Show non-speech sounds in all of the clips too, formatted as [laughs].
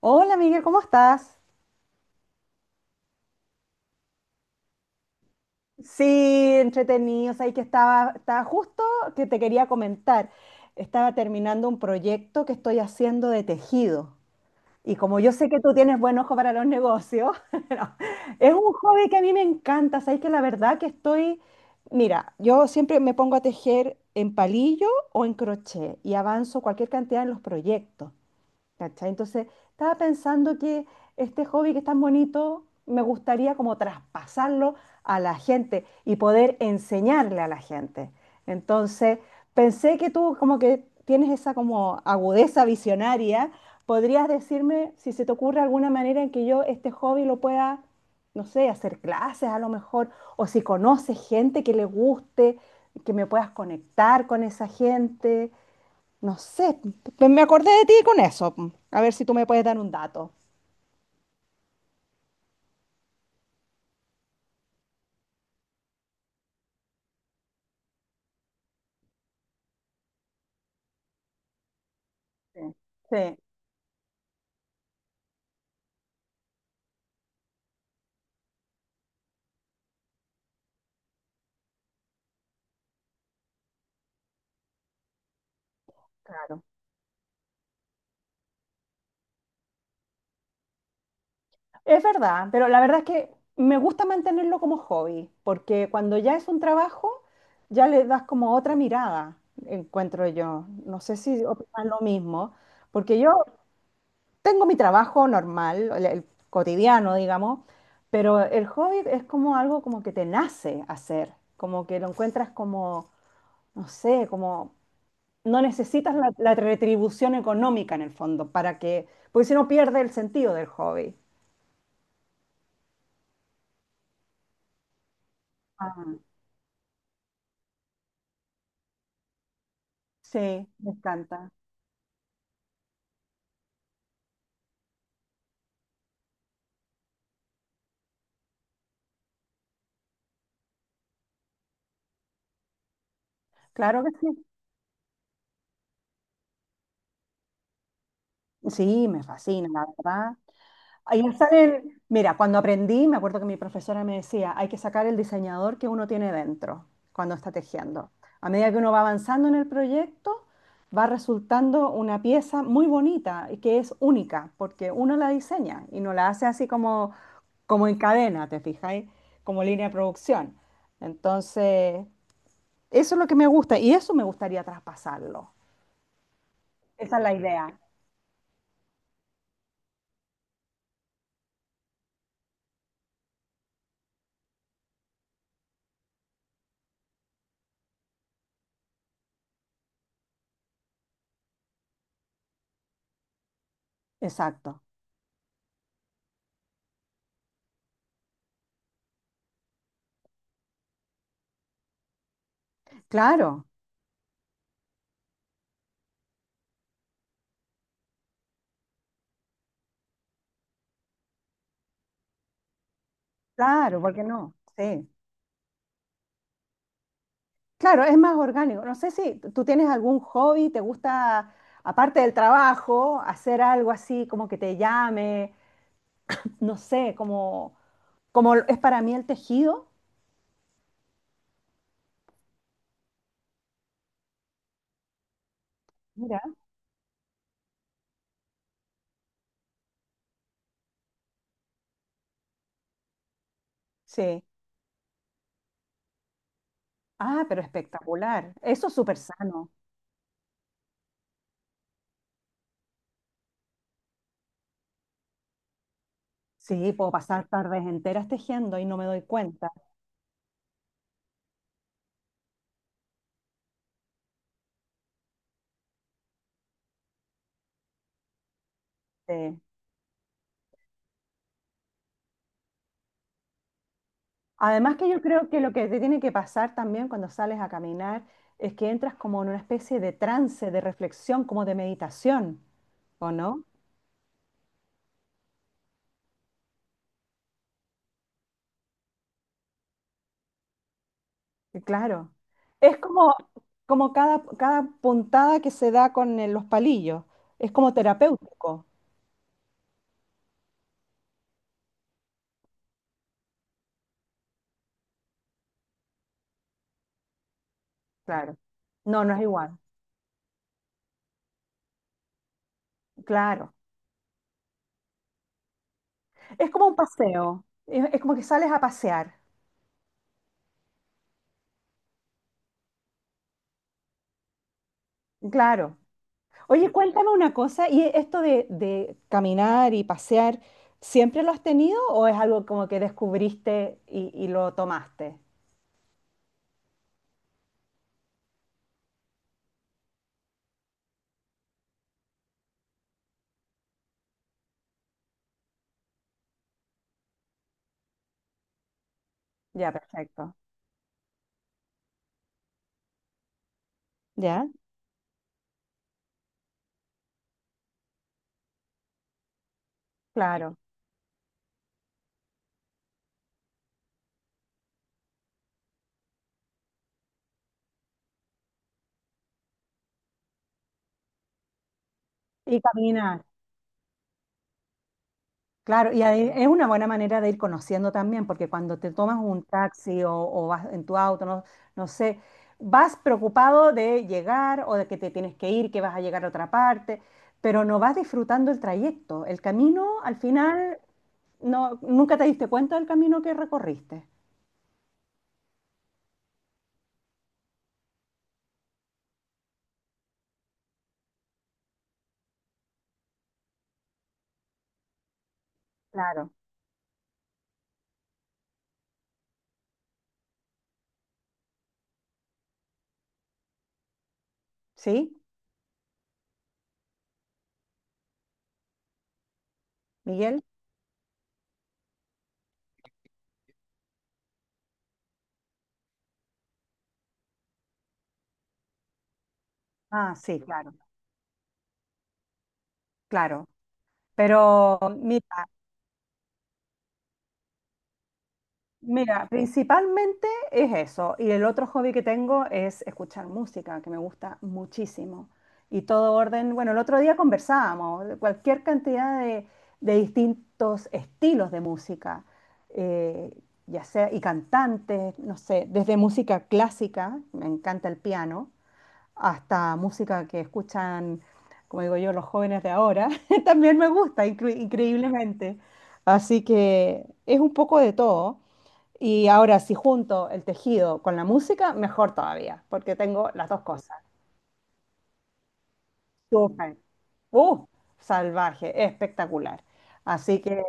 Hola, Miguel, ¿cómo estás? Sí, entretenido. Sabes que estaba justo que te quería comentar. Estaba terminando un proyecto que estoy haciendo de tejido. Y como yo sé que tú tienes buen ojo para los negocios, [laughs] no, es un hobby que a mí me encanta. Sabes que la verdad que estoy, mira, yo siempre me pongo a tejer en palillo o en crochet y avanzo cualquier cantidad en los proyectos. ¿Cachai? Entonces, estaba pensando que este hobby que es tan bonito, me gustaría como traspasarlo a la gente y poder enseñarle a la gente. Entonces, pensé que tú como que tienes esa como agudeza visionaria, podrías decirme si se te ocurre alguna manera en que yo este hobby lo pueda, no sé, hacer clases a lo mejor, o si conoces gente que le guste, que me puedas conectar con esa gente. No sé, me acordé de ti con eso. A ver si tú me puedes dar un dato. Sí, sí. Claro. Es verdad, pero la verdad es que me gusta mantenerlo como hobby, porque cuando ya es un trabajo, ya le das como otra mirada, encuentro yo. No sé si opinas lo mismo, porque yo tengo mi trabajo normal, el cotidiano, digamos, pero el hobby es como algo como que te nace hacer, como que lo encuentras como, no sé, como no necesitas la retribución económica en el fondo para que, porque si no pierde el sentido del hobby. Ah, sí, me encanta. Claro que sí. Sí, me fascina, la verdad. Ahí salen, mira, cuando aprendí, me acuerdo que mi profesora me decía, hay que sacar el diseñador que uno tiene dentro cuando está tejiendo. A medida que uno va avanzando en el proyecto, va resultando una pieza muy bonita y que es única, porque uno la diseña y no la hace así como, como en cadena, ¿te fijáis? Como línea de producción. Entonces, eso es lo que me gusta y eso me gustaría traspasarlo. Esa es la idea. Exacto. Claro, claro, ¿por qué no? Sí. Claro, es más orgánico. No sé si tú tienes algún hobby, te gusta, aparte del trabajo, hacer algo así como que te llame, no sé, como, como es para mí el tejido. Mira. Sí. Ah, pero espectacular. Eso es súper sano. Sí, puedo pasar tardes enteras tejiendo y no me doy cuenta. Sí. Además que yo creo que lo que te tiene que pasar también cuando sales a caminar es que entras como en una especie de trance, de reflexión, como de meditación, ¿o no? Y claro. Es como, como cada puntada que se da con los palillos. Es como terapéutico. Claro. No, no es igual. Claro. Es como un paseo. Es como que sales a pasear. Claro. Oye, cuéntame una cosa. ¿Y esto de caminar y pasear, siempre lo has tenido o es algo como que descubriste y lo tomaste? Ya, perfecto. ¿Ya? Claro. Y caminar. Claro, y ahí es una buena manera de ir conociendo también, porque cuando te tomas un taxi o vas en tu auto, no, no sé, vas preocupado de llegar o de que te tienes que ir, que vas a llegar a otra parte, pero no vas disfrutando el trayecto. El camino, al final, no, nunca te diste cuenta del camino que recorriste. Claro. ¿Sí, Miguel? Ah, sí, claro, claro. Pero mira. Mira, principalmente es eso. Y el otro hobby que tengo es escuchar música, que me gusta muchísimo. Y todo orden, bueno, el otro día conversábamos de cualquier cantidad de distintos estilos de música, eh, ya sea, y cantantes, no sé, desde música clásica, me encanta el piano, hasta música que escuchan, como digo yo, los jóvenes de ahora, [laughs] también me gusta, increíblemente. Así que es un poco de todo. Y ahora, si junto el tejido con la música, mejor todavía, porque tengo las dos cosas. Súper. ¡Uh! Salvaje, espectacular. Así que,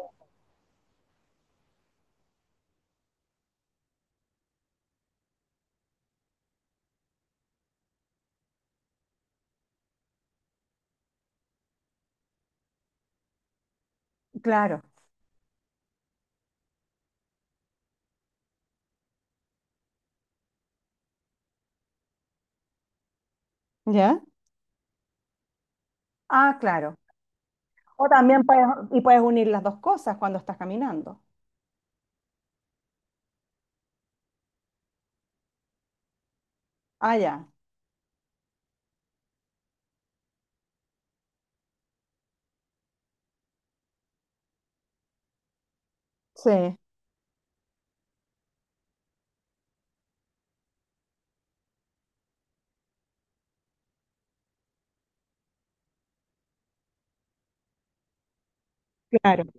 claro. ¿Ya? Ah, claro. O también puedes, y puedes unir las dos cosas cuando estás caminando. Ah, ya. Sí, claro.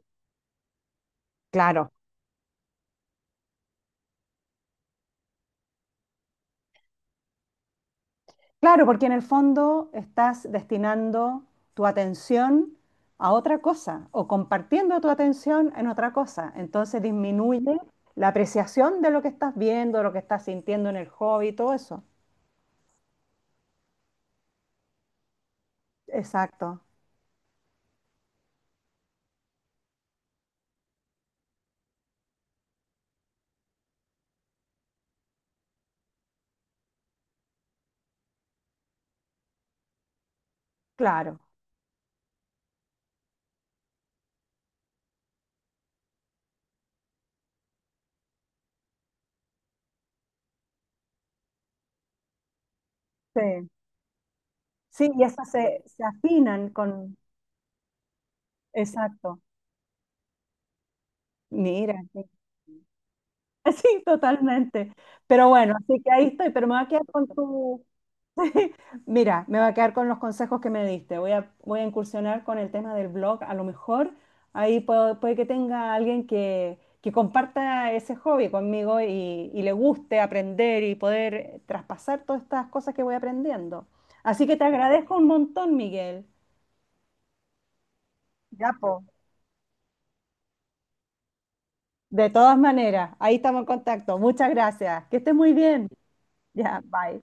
Claro. Claro, porque en el fondo estás destinando tu atención a otra cosa o compartiendo tu atención en otra cosa. Entonces disminuye la apreciación de lo que estás viendo, lo que estás sintiendo en el hobby, todo eso. Exacto, claro. Sí, sí, y esas se, se afinan con... Exacto. Mira, sí, [laughs] sí, totalmente. Pero bueno, así que ahí estoy, pero me voy a quedar con tu, mira, me va a quedar con los consejos que me diste. Voy a, voy a incursionar con el tema del blog. A lo mejor ahí puedo- puede que tenga alguien que comparta ese hobby conmigo y le guste aprender y poder traspasar todas estas cosas que voy aprendiendo. Así que te agradezco un montón, Miguel. Ya, po. De todas maneras, ahí estamos en contacto. Muchas gracias. Que estés muy bien. Ya, bye.